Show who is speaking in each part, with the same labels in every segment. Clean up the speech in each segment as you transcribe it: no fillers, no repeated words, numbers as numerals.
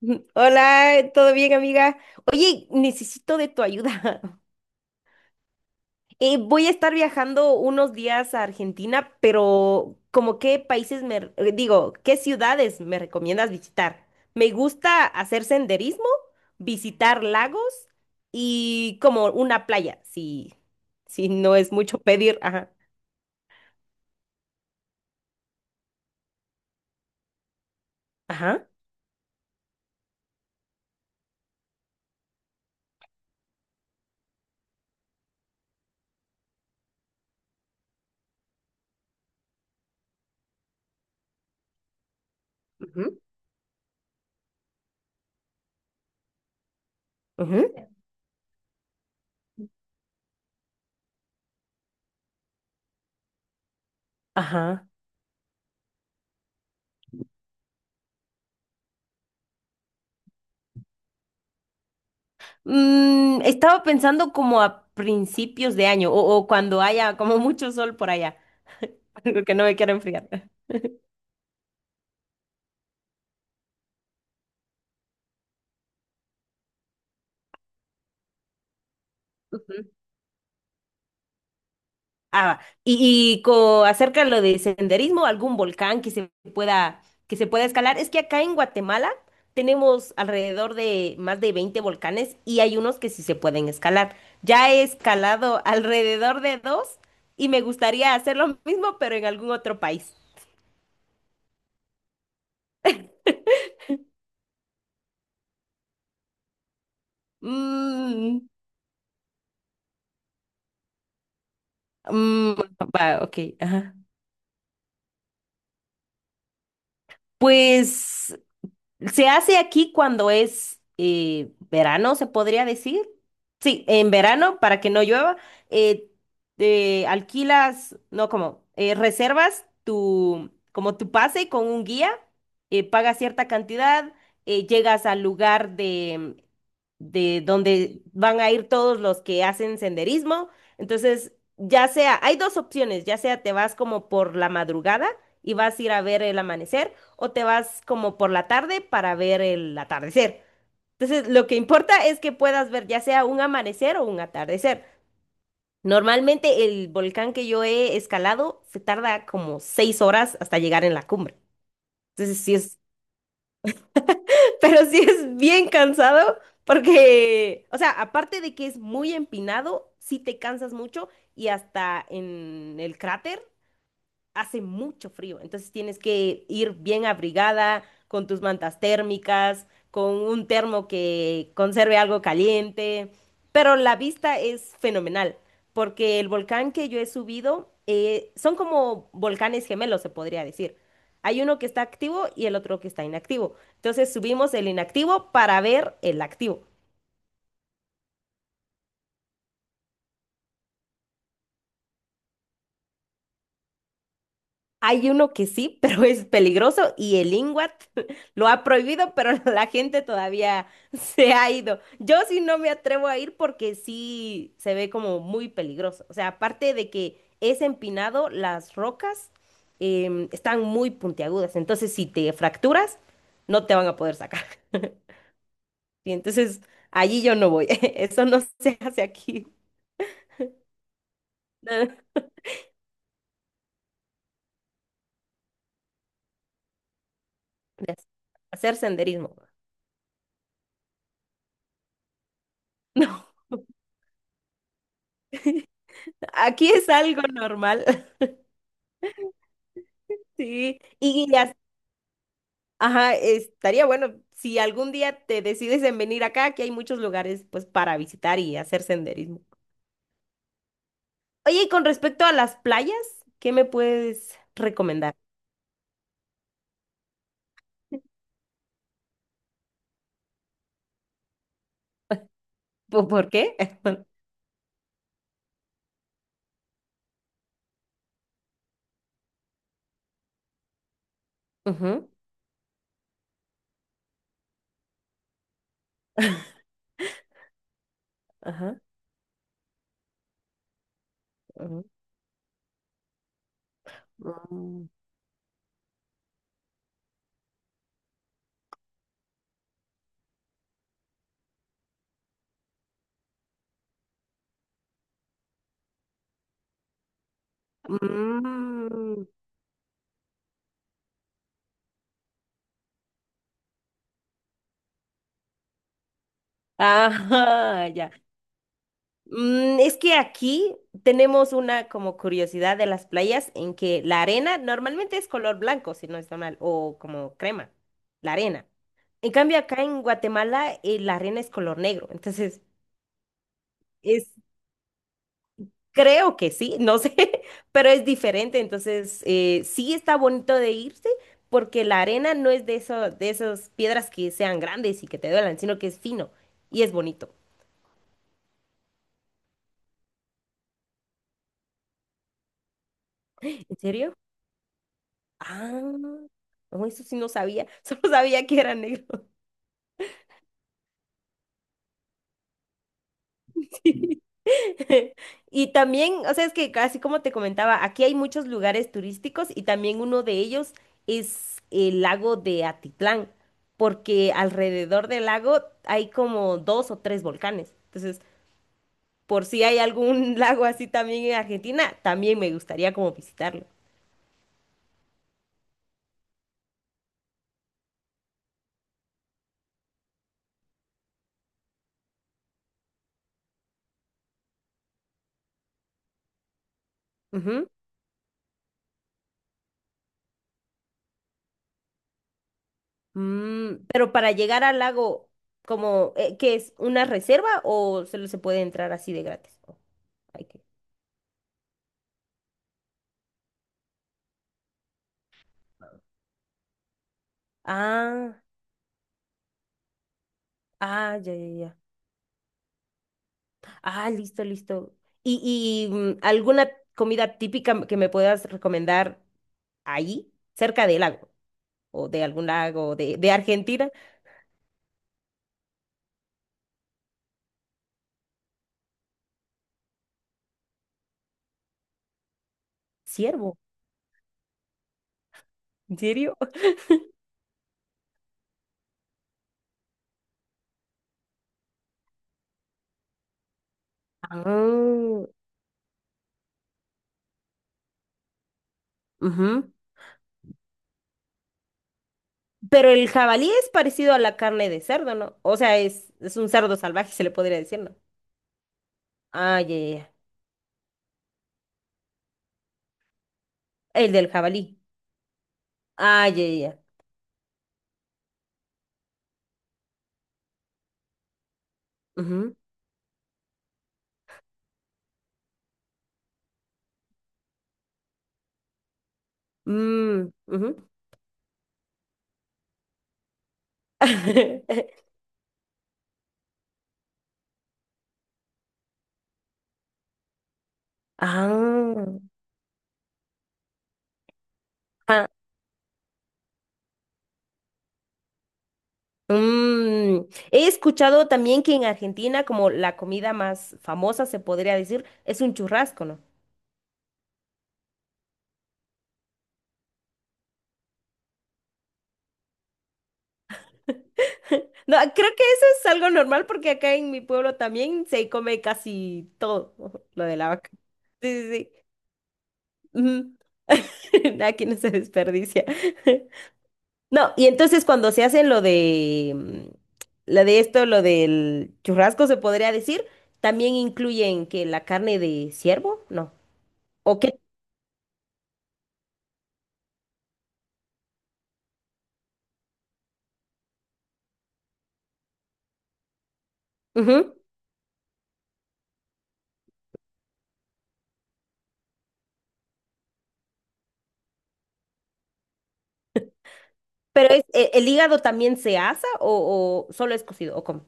Speaker 1: Hola, ¿todo bien, amiga? Oye, necesito de tu ayuda. Voy a estar viajando unos días a Argentina, pero ¿como qué países qué ciudades me recomiendas visitar? Me gusta hacer senderismo, visitar lagos y como una playa, si, si no es mucho pedir. Ajá, ajá, ujú, ujú, ajá. Mm, estaba pensando como a principios de año o cuando haya como mucho sol por allá. Porque no me quiero enfriar. Ujú. Ah, acerca de lo de senderismo, algún volcán que se pueda escalar. Es que acá en Guatemala tenemos alrededor de más de 20 volcanes y hay unos que sí se pueden escalar. Ya he escalado alrededor de dos y me gustaría hacer lo mismo, pero en algún otro país. Mm, mm, va, ok, ajá. Pues se hace aquí cuando es verano, se podría decir. Sí, en verano, para que no llueva, eh, alquilas, no, como, reservas tu, como tu pase con un guía, pagas cierta cantidad, llegas al lugar de donde van a ir todos los que hacen senderismo. Entonces, ya sea, hay dos opciones, ya sea te vas como por la madrugada y vas a ir a ver el amanecer o te vas como por la tarde para ver el atardecer. Entonces, lo que importa es que puedas ver ya sea un amanecer o un atardecer. Normalmente el volcán que yo he escalado se tarda como 6 horas hasta llegar en la cumbre. Entonces, sí es pero sí es bien cansado porque, o sea, aparte de que es muy empinado, sí te cansas mucho y hasta en el cráter hace mucho frío, entonces tienes que ir bien abrigada, con tus mantas térmicas, con un termo que conserve algo caliente, pero la vista es fenomenal, porque el volcán que yo he subido son como volcanes gemelos, se podría decir. Hay uno que está activo y el otro que está inactivo. Entonces subimos el inactivo para ver el activo. Hay uno que sí, pero es peligroso y el INGWAT lo ha prohibido, pero la gente todavía se ha ido. Yo sí no me atrevo a ir porque sí se ve como muy peligroso. O sea, aparte de que es empinado, las rocas están muy puntiagudas. Entonces, si te fracturas, no te van a poder sacar. Y entonces, allí yo no voy. Eso no se hace aquí. De hacer senderismo. No, aquí es algo normal. Sí, y ya, ajá, estaría bueno si algún día te decides en venir acá, que hay muchos lugares pues para visitar y hacer senderismo. Oye, y con respecto a las playas, ¿qué me puedes recomendar? ¿Po- ¿Por qué? Ujú, ajá, ujú. Mm. Mm. Ajá, ya. Mm, es que aquí tenemos una como curiosidad de las playas en que la arena normalmente es color blanco, si no está mal, o como crema, la arena. En cambio, acá en Guatemala, la arena es color negro. Entonces, es, creo que sí, no sé, pero es diferente. Entonces, sí está bonito de irse porque la arena no es de eso, de esas piedras que sean grandes y que te duelan, sino que es fino y es bonito. ¿En serio? Ah, no, eso sí no sabía, solo sabía que era negro. Sí. Y también, o sea, es que así como te comentaba, aquí hay muchos lugares turísticos y también uno de ellos es el lago de Atitlán, porque alrededor del lago hay como dos o tres volcanes. Entonces, por si hay algún lago así también en Argentina, también me gustaría como visitarlo. Mm, pero para llegar al lago, como que es una reserva o solo se puede entrar así de gratis? Oh, hay que- Ah, ah, ya, ya, ya. Ah, listo, listo. Y mm, alguna comida típica que me puedas recomendar ahí, cerca del lago o de algún lago de Argentina? Ciervo. ¿En serio? Ah, ujú. Pero el jabalí es parecido a la carne de cerdo, ¿no? O sea, es un cerdo salvaje, se le podría decir, ¿no? Ah, ya, ya, ya. El del jabalí. Ah, ya, ya, ya. Ujú. Mm, ujú. Ah, ah, mm. He escuchado también que en Argentina como la comida más famosa se podría decir es un churrasco, ¿no? No, creo que eso es algo normal porque acá en mi pueblo también se come casi todo lo de la vaca. Sí, sí, sí. Ujú. Aquí no se desperdicia. No, y entonces cuando se hace lo de mm, lo de esto, lo del churrasco, se podría decir, también incluyen que la carne de ciervo, no. ¿O qué? Ujú. Pero es, e- ¿el hígado también se asa o solo es cocido? ¿O cómo?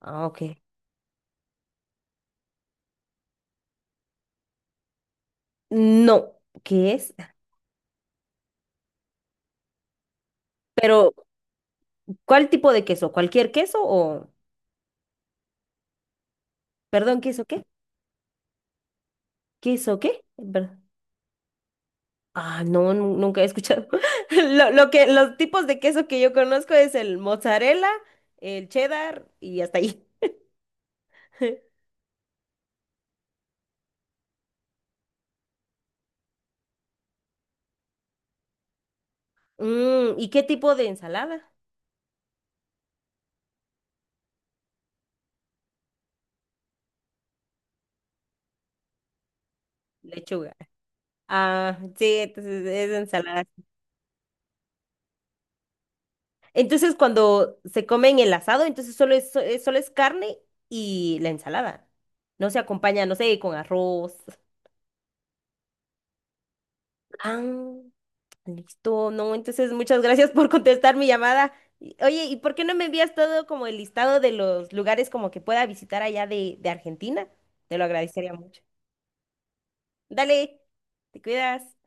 Speaker 1: Ah, ok. No, ¿qué es? Pero, ¿cuál tipo de queso? ¿Cualquier queso o? Perdón, ¿queso qué? ¿Queso qué? Perdón. Ah, no, nunca he escuchado. Lo que, los tipos de queso que yo conozco es el mozzarella, el cheddar y hasta ahí. Mm, ¿y qué tipo de ensalada? Lechuga. Ah, sí, entonces es ensalada. Entonces, cuando se comen el asado, entonces solo es, solo es carne y la ensalada. No se acompaña, no sé, con arroz. Ah. Listo, no, entonces muchas gracias por contestar mi llamada. Y- Oye, ¿y por qué no me envías todo como el listado de los lugares como que pueda visitar allá de Argentina? Te lo agradecería mucho. Dale, te cuidas.